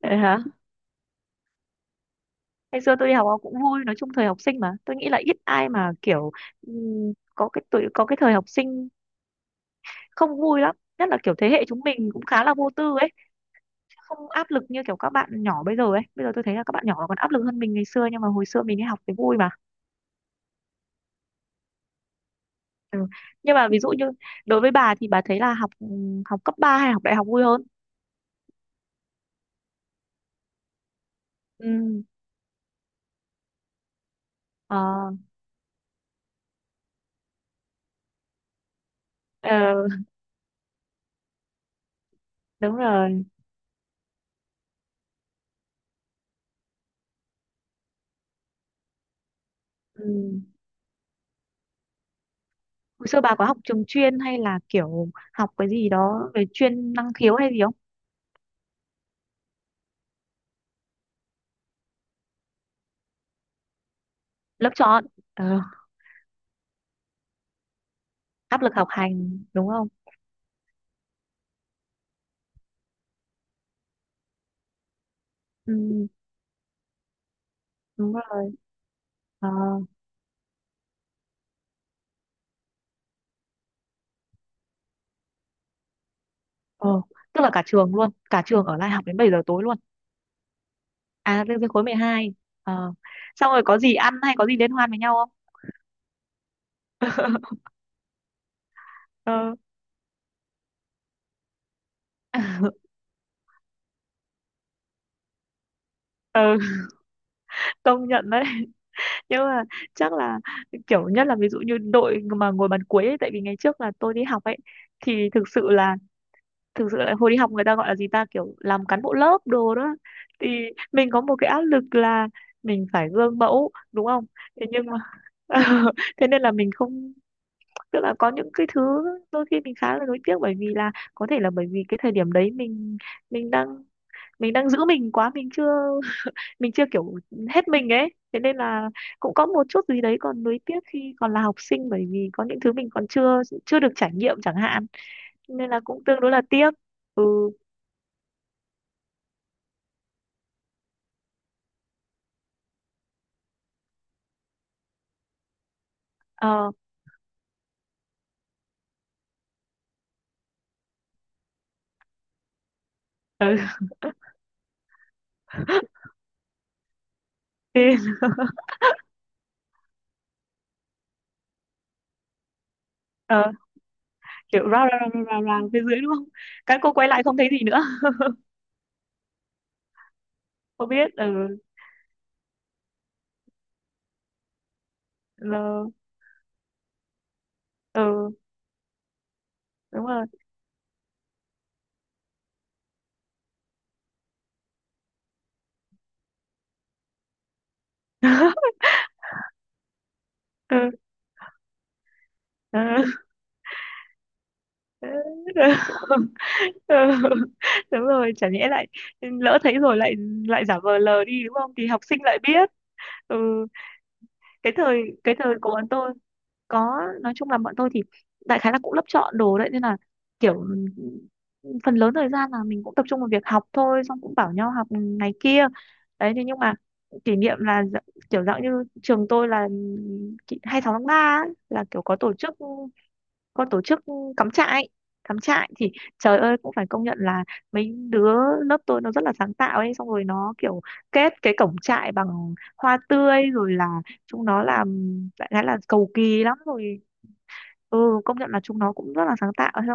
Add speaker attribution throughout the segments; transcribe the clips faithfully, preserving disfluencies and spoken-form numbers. Speaker 1: Vậy hả? Ngày xưa tôi đi học cũng vui, nói chung thời học sinh mà. Tôi nghĩ là ít ai mà kiểu ừm, có cái tuổi có cái thời học sinh không vui lắm, nhất là kiểu thế hệ chúng mình cũng khá là vô tư ấy, không áp lực như kiểu các bạn nhỏ bây giờ ấy. Bây giờ tôi thấy là các bạn nhỏ còn áp lực hơn mình ngày xưa nhưng mà hồi xưa mình đi học thì vui mà. Ừ. Nhưng mà ví dụ như đối với bà thì bà thấy là học ừm, học cấp ba hay học đại học vui hơn? Ừ. Ờ, ờ, đúng rồi. Ừ. Hồi xưa bà có học trường chuyên hay là kiểu học cái gì đó về chuyên năng khiếu hay gì? Lớp chọn, ờ, áp lực học hành đúng không? Ừ, đúng rồi. Ờ, ờ, tức là cả trường luôn, cả trường ở lại học đến bảy giờ tối luôn? À, riêng riêng khối mười hai, ờ. Xong rồi có gì ăn hay có gì liên hoan với nhau không? Ờ, ờ, công nhận đấy. Nhưng mà chắc là kiểu nhất là ví dụ như đội mà ngồi bàn cuối ấy, tại vì ngày trước là tôi đi học ấy thì thực sự là, thực sự là hồi đi học người ta gọi là gì ta, kiểu làm cán bộ lớp đồ đó, thì mình có một cái áp lực là mình phải gương mẫu đúng không? Thế nhưng mà thế nên là mình không, tức là có những cái thứ đôi khi mình khá là nuối tiếc bởi vì là có thể là bởi vì cái thời điểm đấy mình, mình đang mình đang giữ mình quá, mình chưa mình chưa kiểu hết mình ấy, thế nên là cũng có một chút gì đấy còn nuối tiếc khi còn là học sinh bởi vì có những thứ mình còn chưa, chưa được trải nghiệm chẳng hạn, nên là cũng tương đối là tiếc. Ừ. Ờ. Ừ. Thế, ờ, kiểu rao rao rao rao rao phía dưới đúng không? Các cô quay lại không thấy gì nữa, không biết. Ừ, lờ, ừ, đúng rồi. Ừ, ừ, ừ, đúng rồi, chả nhẽ lại lỡ thấy rồi lại, lại giả vờ lờ đi đúng không? Thì học sinh lại biết. Ừ, cái thời cái thời của bọn tôi có, nói chung là bọn tôi thì đại khái là cũng lớp chọn đồ đấy nên là kiểu phần lớn thời gian là mình cũng tập trung vào việc học thôi, xong cũng bảo nhau học này kia, đấy. Thế nhưng mà kỷ niệm là dạ- kiểu dạng như trường tôi là kỷ- hai mươi sáu tháng ba ấy, là kiểu có tổ chức, có tổ chức cắm trại. Cắm trại thì trời ơi cũng phải công nhận là mấy đứa lớp tôi nó rất là sáng tạo ấy, xong rồi nó kiểu kết cái cổng trại bằng hoa tươi rồi là chúng nó làm đại khái là cầu kỳ lắm rồi. Ừ, công nhận là chúng nó cũng rất là sáng tạo, thế là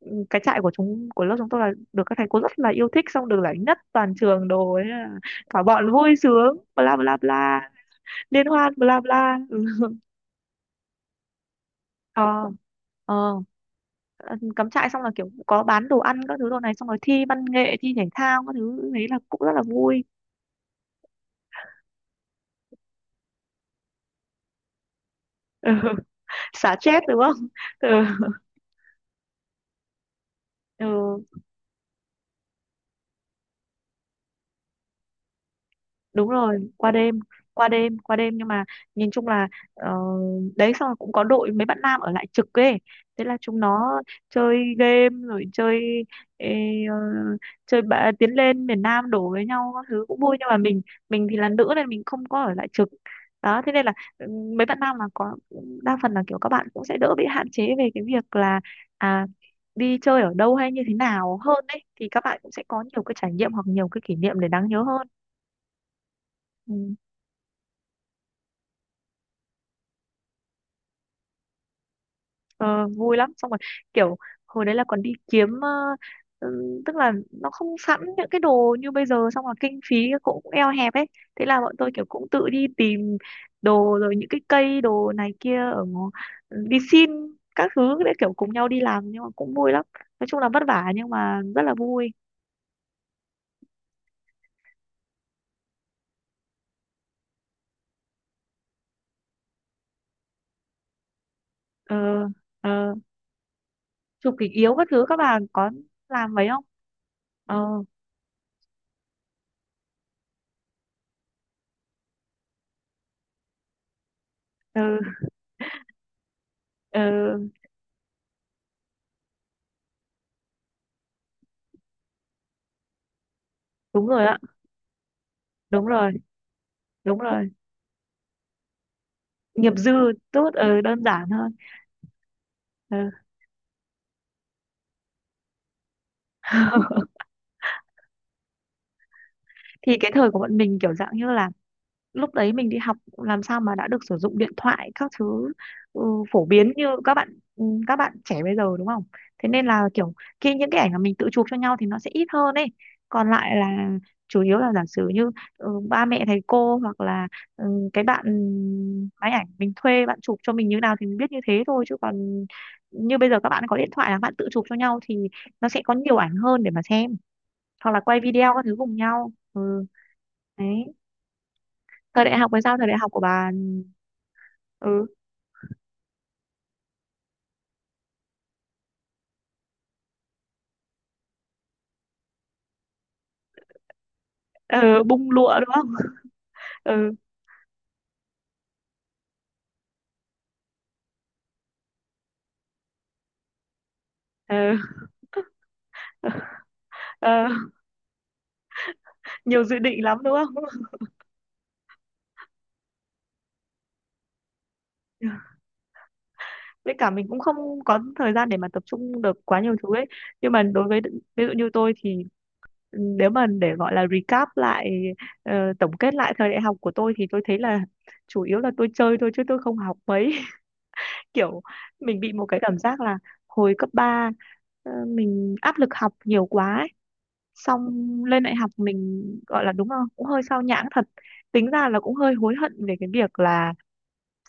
Speaker 1: ừ, cái trại của chúng của lớp chúng tôi là được các thầy cô rất là yêu thích, xong được giải nhất toàn trường đồ, thế là cả bọn vui sướng bla bla bla, liên hoan bla bla. Ừ. Ờ, ờ, cắm trại xong là kiểu có bán đồ ăn các thứ đồ này, xong rồi thi văn nghệ thi thể thao các thứ, đấy là cũng rất là vui. Ừ. Xả stress đúng không? Ừ. Ừ. Đúng rồi, qua đêm, qua đêm, qua đêm. Nhưng mà nhìn chung là, ờ, đấy, xong rồi cũng có đội mấy bạn nam ở lại trực ấy, thế là chúng nó chơi game rồi chơi ê, ờ, chơi bạ, tiến lên miền Nam đổ với nhau các thứ cũng vui, nhưng mà mình mình thì là nữ nên mình không có ở lại trực đó, thế nên là ừ, mấy bạn nam là có, đa phần là kiểu các bạn cũng sẽ đỡ bị hạn chế về cái việc là à đi chơi ở đâu hay như thế nào hơn, đấy thì các bạn cũng sẽ có nhiều cái trải nghiệm hoặc nhiều cái kỷ niệm để đáng nhớ hơn. Ừ. Ờ, vui lắm, xong rồi kiểu hồi đấy là còn đi kiếm ờ, ừm, tức là nó không sẵn những cái đồ như bây giờ, xong là kinh phí cũng eo hẹp ấy, thế là bọn tôi kiểu cũng tự đi tìm đồ rồi những cái cây đồ này kia ở ngõ- đi xin các thứ để kiểu cùng nhau đi làm nhưng mà cũng vui lắm, nói chung là vất vả nhưng mà rất là vui. Ờ, ờ, chụp kỷ yếu các thứ các bà có làm mấy không? Ờ, ờ, ờ, đúng rồi ạ. Đúng rồi, đúng rồi. Nghiệp dư. Tốt, ờ, đơn giản hơn. Ừ. Thì cái thời của bọn mình kiểu dạng như là lúc đấy mình đi học làm sao mà đã được sử dụng điện thoại các thứ ừ, phổ biến như các bạn, ừ, các bạn trẻ bây giờ đúng không? Thế nên là kiểu khi những cái ảnh mà mình tự chụp cho nhau thì nó sẽ ít hơn ấy. Còn lại là chủ yếu là giả sử như ừ, ba mẹ thầy cô hoặc là ừ, cái bạn máy ảnh mình thuê bạn chụp cho mình như nào thì mình biết như thế thôi, chứ còn như bây giờ các bạn có điện thoại là các bạn tự chụp cho nhau thì nó sẽ có nhiều ảnh hơn để mà xem. Hoặc là quay video các thứ cùng nhau. Ừ, đấy. Thời đại học hay sao, thời đại học của bà? Ừ. Ờ, bung lụa đúng không? Ừ. Ờ, ờ, nhiều dự định lắm đúng không? Với cả mình cũng không có thời gian để mà tập trung được quá nhiều thứ ấy. Nhưng mà đối với, ví dụ như tôi thì ừ, nếu mà để gọi là recap lại, ờ, tổng kết lại thời đại học của tôi thì tôi thấy là chủ yếu là tôi chơi thôi chứ tôi không học mấy. Kiểu mình bị một cái cảm giác là hồi cấp ba mình áp lực học nhiều quá ấy. Xong lên đại học mình gọi là đúng không, cũng hơi sao nhãng thật, tính ra là cũng hơi hối hận về cái việc là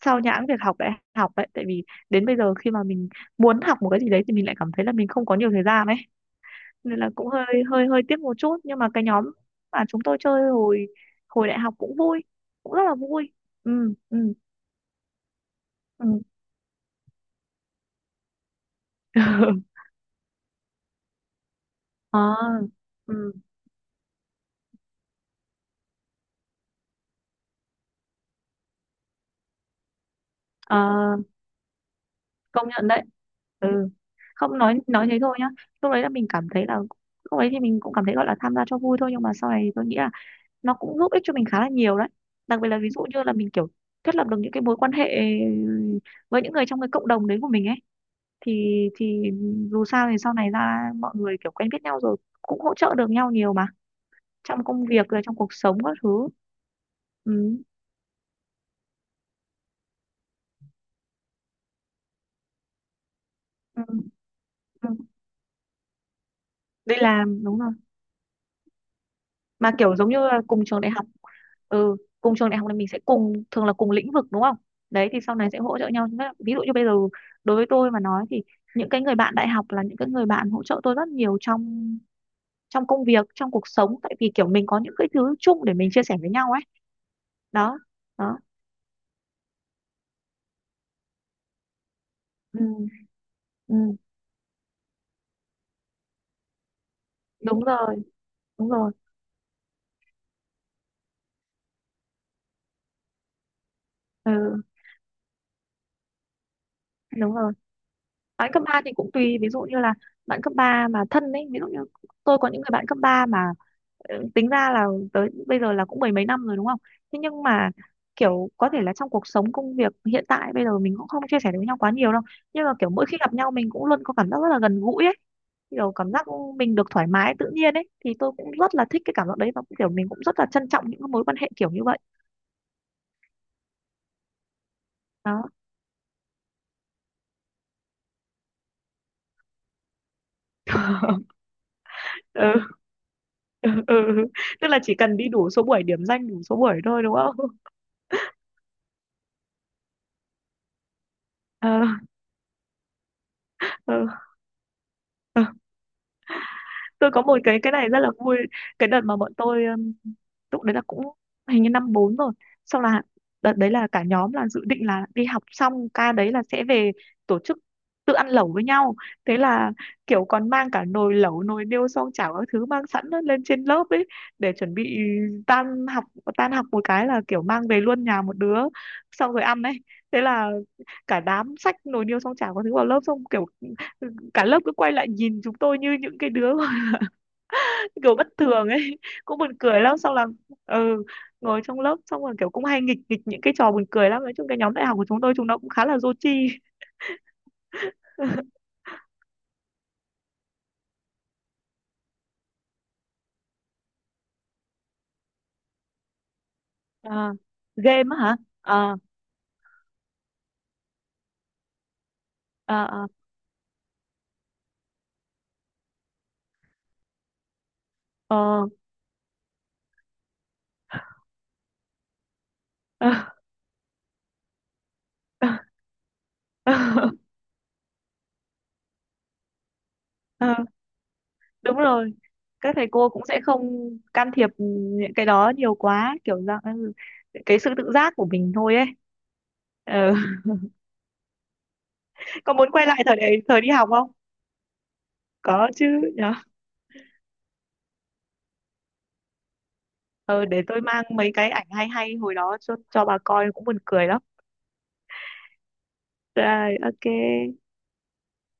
Speaker 1: sao nhãng việc học đại học đấy, tại vì đến bây giờ khi mà mình muốn học một cái gì đấy thì mình lại cảm thấy là mình không có nhiều thời gian ấy, nên là cũng hơi, hơi hơi tiếc một chút. Nhưng mà cái nhóm mà chúng tôi chơi hồi hồi đại học cũng vui, cũng rất là vui. Ừ, ừ, ừ. Ờ, ừ, ờ, công nhận đấy. Ừ, không, nói nói thế thôi nhá, lúc đấy là mình cảm thấy là, lúc đấy thì mình cũng cảm thấy gọi là tham gia cho vui thôi, nhưng mà sau này tôi nghĩ là nó cũng giúp ích cho mình khá là nhiều đấy, đặc biệt là ví dụ như là mình kiểu thiết lập được những cái mối quan hệ với những người trong cái cộng đồng đấy của mình ấy thì thì dù sao thì sau này ra mọi người kiểu quen biết nhau rồi cũng hỗ trợ được nhau nhiều mà, trong công việc rồi trong cuộc sống các thứ. Ừ. Ừ. Ừ. Đi làm đúng rồi. Mà kiểu giống như là cùng trường đại học, ừ, cùng trường đại học thì mình sẽ cùng, thường là cùng lĩnh vực đúng không? Đấy thì sau này sẽ hỗ trợ nhau. Nghĩa là ví dụ như bây giờ đối với tôi mà nói thì những cái người bạn đại học là những cái người bạn hỗ trợ tôi rất nhiều trong trong công việc trong cuộc sống, tại vì kiểu mình có những cái thứ chung để mình chia sẻ với nhau ấy, đó. Đó. Ừ, ừ. Đúng rồi, đúng rồi. Ừ, đúng rồi, bạn cấp ba thì cũng tùy, ví dụ như là bạn cấp ba mà thân ấy, ví dụ như tôi có những người bạn cấp ba mà ờ, tính ra là tới bây giờ là cũng mười mấy năm rồi đúng không? Thế nhưng mà kiểu có thể là trong cuộc sống công việc hiện tại bây giờ mình cũng không chia sẻ được với nhau quá nhiều đâu. Nhưng mà kiểu mỗi khi gặp nhau mình cũng luôn có cảm giác rất là gần gũi ấy, kiểu cảm giác mình được thoải mái tự nhiên ấy, thì tôi cũng rất là thích cái cảm giác đấy, và cũng kiểu mình cũng rất là trân trọng những cái mối quan hệ kiểu như vậy. Đó. Ừ. Ừ. Ừ. Tức là chỉ cần đi đủ số buổi, điểm danh đủ số buổi thôi đúng không? Ờ. Ừ. Tôi có một cái cái này rất là vui. Cái đợt mà bọn tôi um, lúc đấy là cũng hình như năm bốn rồi, xong là đợt đấy là cả nhóm là dự định là đi học xong ca đấy là sẽ về tổ chức tự ăn lẩu với nhau, thế là kiểu còn mang cả nồi lẩu nồi niêu xoong chảo các thứ mang sẵn lên trên lớp ấy để chuẩn bị tan học, tan học một cái là kiểu mang về luôn nhà một đứa xong rồi ăn ấy, thế là cả đám xách nồi niêu xoong chảo các thứ vào lớp, xong kiểu cả lớp cứ quay lại nhìn chúng tôi như những cái đứa kiểu bất thường ấy cũng buồn cười lắm. Xong là ừ, ngồi trong lớp xong rồi kiểu cũng hay nghịch nghịch những cái trò buồn cười lắm, nói chung cái nhóm đại học của chúng tôi chúng nó cũng khá là dô chi. À, game á hả? À, à, à, ờ, ờ, ờ, ờ, ờ. Đúng rồi, các thầy cô cũng sẽ không can thiệp những cái đó nhiều quá, kiểu dạng ừ, cái sự tự giác của mình thôi ấy. Ừ. Có muốn quay lại thời đại, thời đi học không? Có chứ. Ờ, để tôi mang mấy cái ảnh hay hay hồi đó cho, cho, bà coi cũng buồn cười lắm. Rồi, ok.